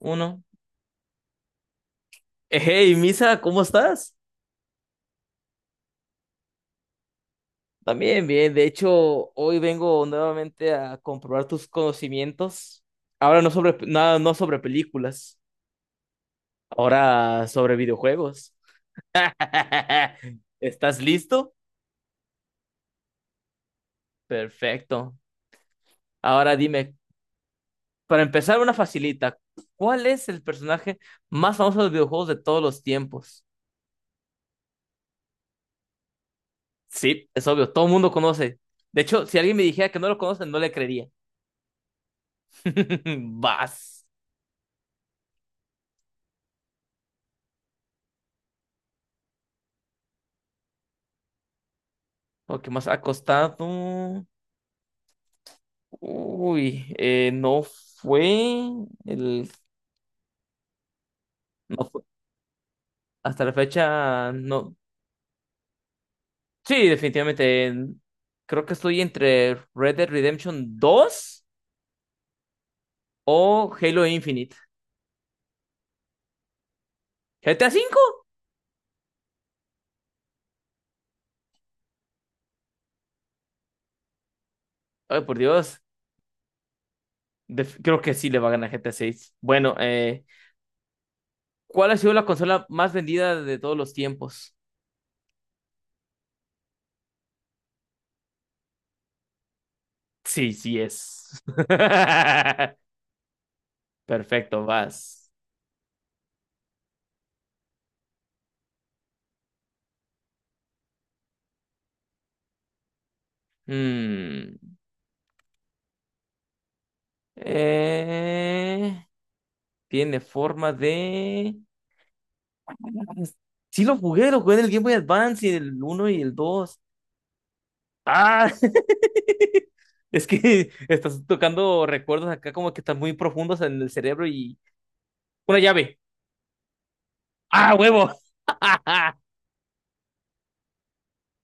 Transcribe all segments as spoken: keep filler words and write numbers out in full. Uno. Hey, Misa, ¿cómo estás? También bien. De hecho, hoy vengo nuevamente a comprobar tus conocimientos. Ahora no sobre, nada, no sobre películas, ahora sobre videojuegos. ¿Estás listo? Perfecto. Ahora dime, para empezar una facilita, ¿cuál es el personaje más famoso de los videojuegos de todos los tiempos? Sí, es obvio, todo el mundo conoce. De hecho, si alguien me dijera que no lo conoce, no le creería. Vas. Lo que más ha costado. Uy, eh, no fue el. No fue- Hasta la fecha, no. Sí, definitivamente. en- Creo que estoy entre Red Dead Redemption dos o Halo Infinite. ¿G T A cinco? Ay, por Dios. Def- creo que sí le va a ganar G T A seis. Bueno, eh, ¿cuál ha sido la consola más vendida de todos los tiempos? Sí, sí es. Perfecto, vas. Mm. Eh, Tiene forma de. Sí lo jugué, lo jugué en el Game Boy Advance y el uno y el dos. Ah, es que estás tocando recuerdos acá como que están muy profundos en el cerebro. Y... Una llave. Ah, huevo.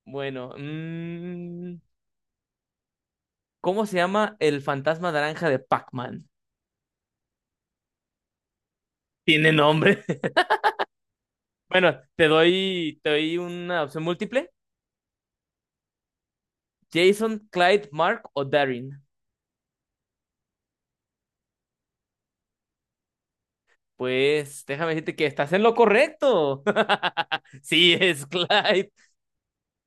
Bueno, mm, ¿cómo se llama el fantasma naranja de Pac-Man? Tiene nombre. Bueno, te doy, te doy una opción múltiple. Jason, Clyde, Mark o Darren. Pues déjame decirte que estás en lo correcto. Sí, es Clyde.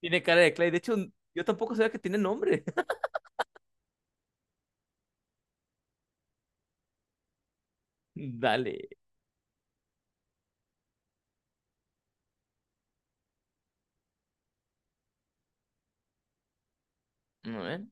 Tiene cara de Clyde. De hecho, yo tampoco sabía que tiene nombre. Dale. A ver,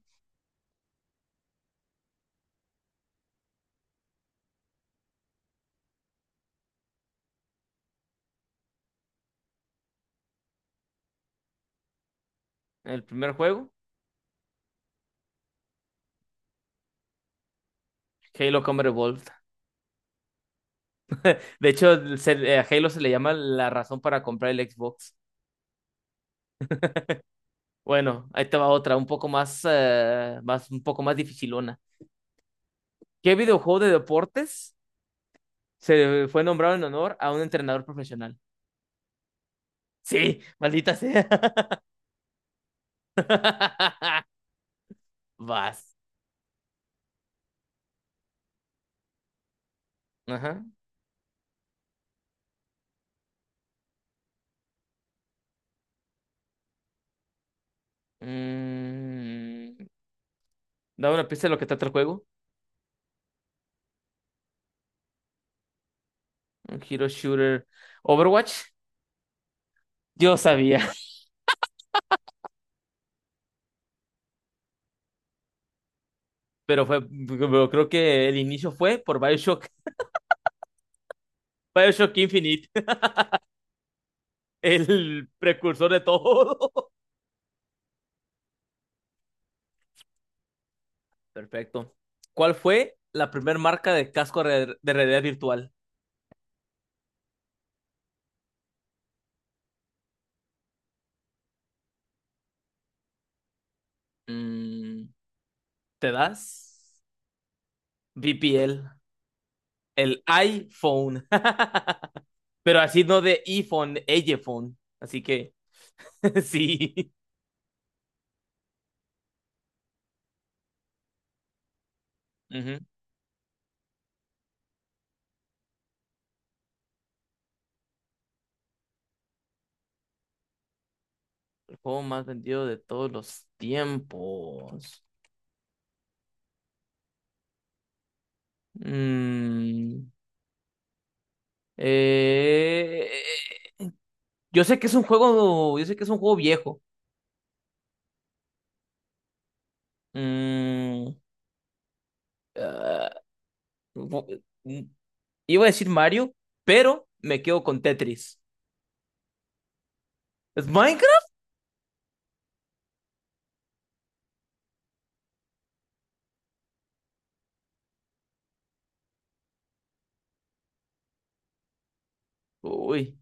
el primer juego, Halo Combat Evolved. De hecho, se- eh, a Halo se le llama la razón para comprar el Xbox. Bueno, ahí te va otra, un poco más, eh, más, un poco más dificilona. ¿Qué videojuego de deportes se fue nombrado en honor a un entrenador profesional? Sí, maldita sea. Vas. Ajá. Mm, Da una pista de lo que trata el juego. Un hero shooter. Overwatch. Yo sabía, pero fue, pero creo que el inicio fue por BioShock. BioShock Infinite, el precursor de todo. Perfecto. ¿Cuál fue la primera marca de casco re- de realidad virtual? Mm, ¿Te das? V P L. El iPhone. Pero así no de iPhone, iPhone. Así que sí. Ujú. El juego más vendido de todos los tiempos. Mm, eh, yo sé que es un juego, yo sé que es un juego viejo. Mm, ah, bu- mm, iba a decir Mario, pero me quedo con Tetris. ¿Es Minecraft? Uy,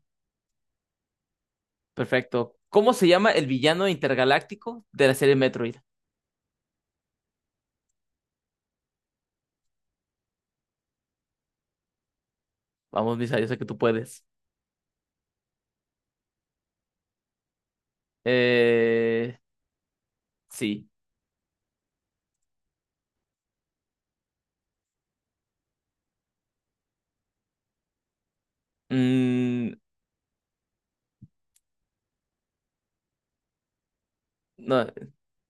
perfecto. ¿Cómo se llama el villano intergaláctico de la serie Metroid? Vamos, Misa, yo sé que tú puedes. Eh, sí. Mm, no,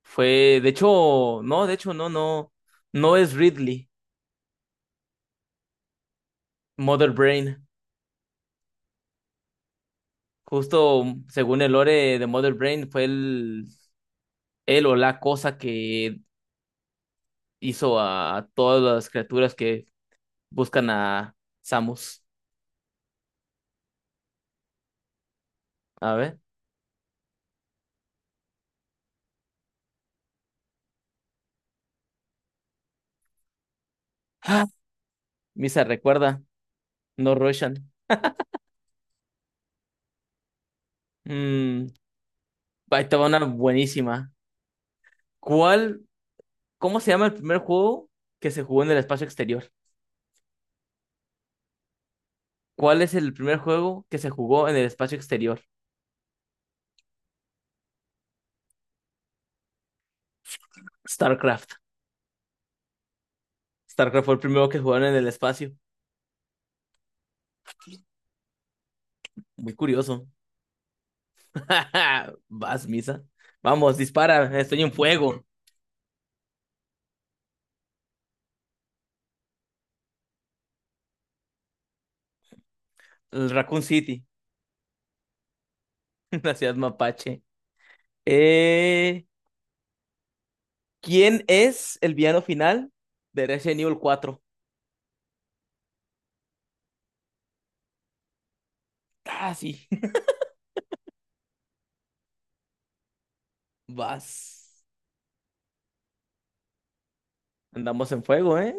fue, de hecho, no, de hecho, no, no, no es Ridley, Mother Brain. Justo mm, según el lore de Mother Brain, fue el, él o la cosa que hizo a todas las criaturas que buscan a Samus. A ver. ¡Ah! Misa recuerda, no Roshan. Mm, Ahí estaba una buenísima. ¿Cuál, cómo se llama el primer juego que se jugó en el espacio exterior? ¿Cuál es el primer juego que se jugó en el espacio exterior? StarCraft. StarCraft fue el primero que jugaron en el espacio. Muy curioso. Vas, Misa. Vamos, dispara. Estoy en fuego. El Raccoon City, la ciudad mapache. Eh, ¿Quién es el villano final de Resident Evil cuatro? Ah, sí. Vas. Andamos en fuego, ¿eh?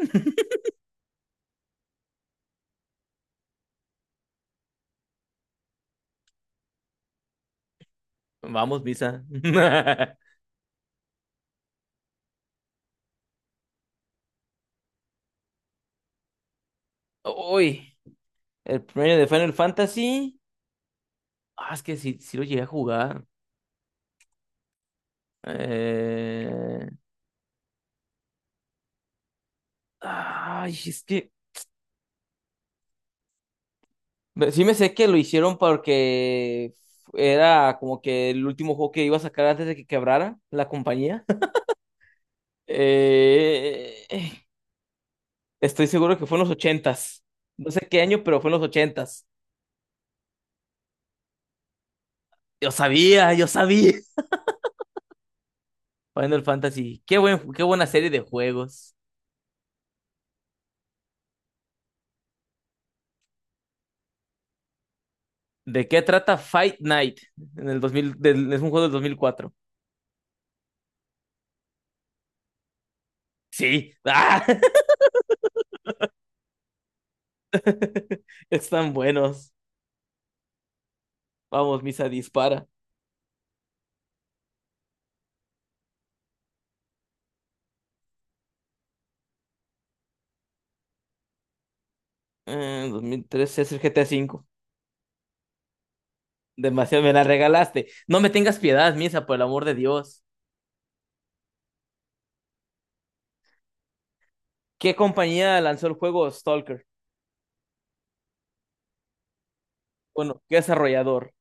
Vamos, Misa. Uy, el premio de Final Fantasy. Ah, es que sí, sí lo llegué a jugar. Eh... Ay, es que Sí me sé que lo hicieron porque era como que el último juego que iba a sacar antes de que quebrara la compañía. Eh, Estoy seguro que fue en los ochentas. No sé qué año, pero fue en los ochentas. Yo sabía, yo sabía. Final Fantasy. Qué buen, qué buena serie de juegos. ¿De qué trata Fight Night? En el dos mil, del- es un juego del dos mil cuatro. Sí. ¡Ah! Están buenos. Vamos, Misa, dispara. Eh, dos mil trece es el G T A cinco. Demasiado me la regalaste. No me tengas piedad, Misa, por el amor de Dios. ¿Qué compañía lanzó el juego Stalker? Bueno, ¿qué desarrollador?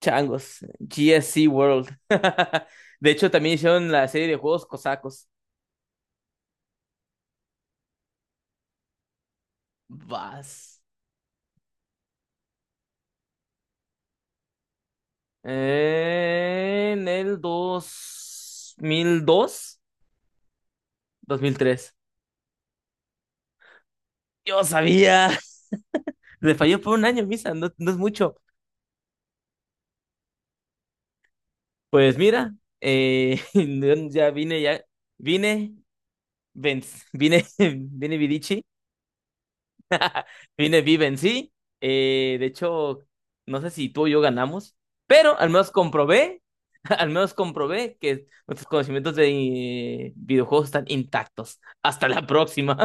Changos, G S C World. De hecho, también hicieron la serie de juegos cosacos. Vas. En el dos mil dos, dos mil mil tres. Yo sabía. Le falló por un año, Misa, no, no es mucho. Pues mira, eh, ya vine, ya vine, Vince, vine, vine Vidichi Vine vive en sí. Eh, de hecho, no sé si tú o yo ganamos, pero al menos comprobé, al menos comprobé que nuestros conocimientos de eh, videojuegos están intactos. Hasta la próxima.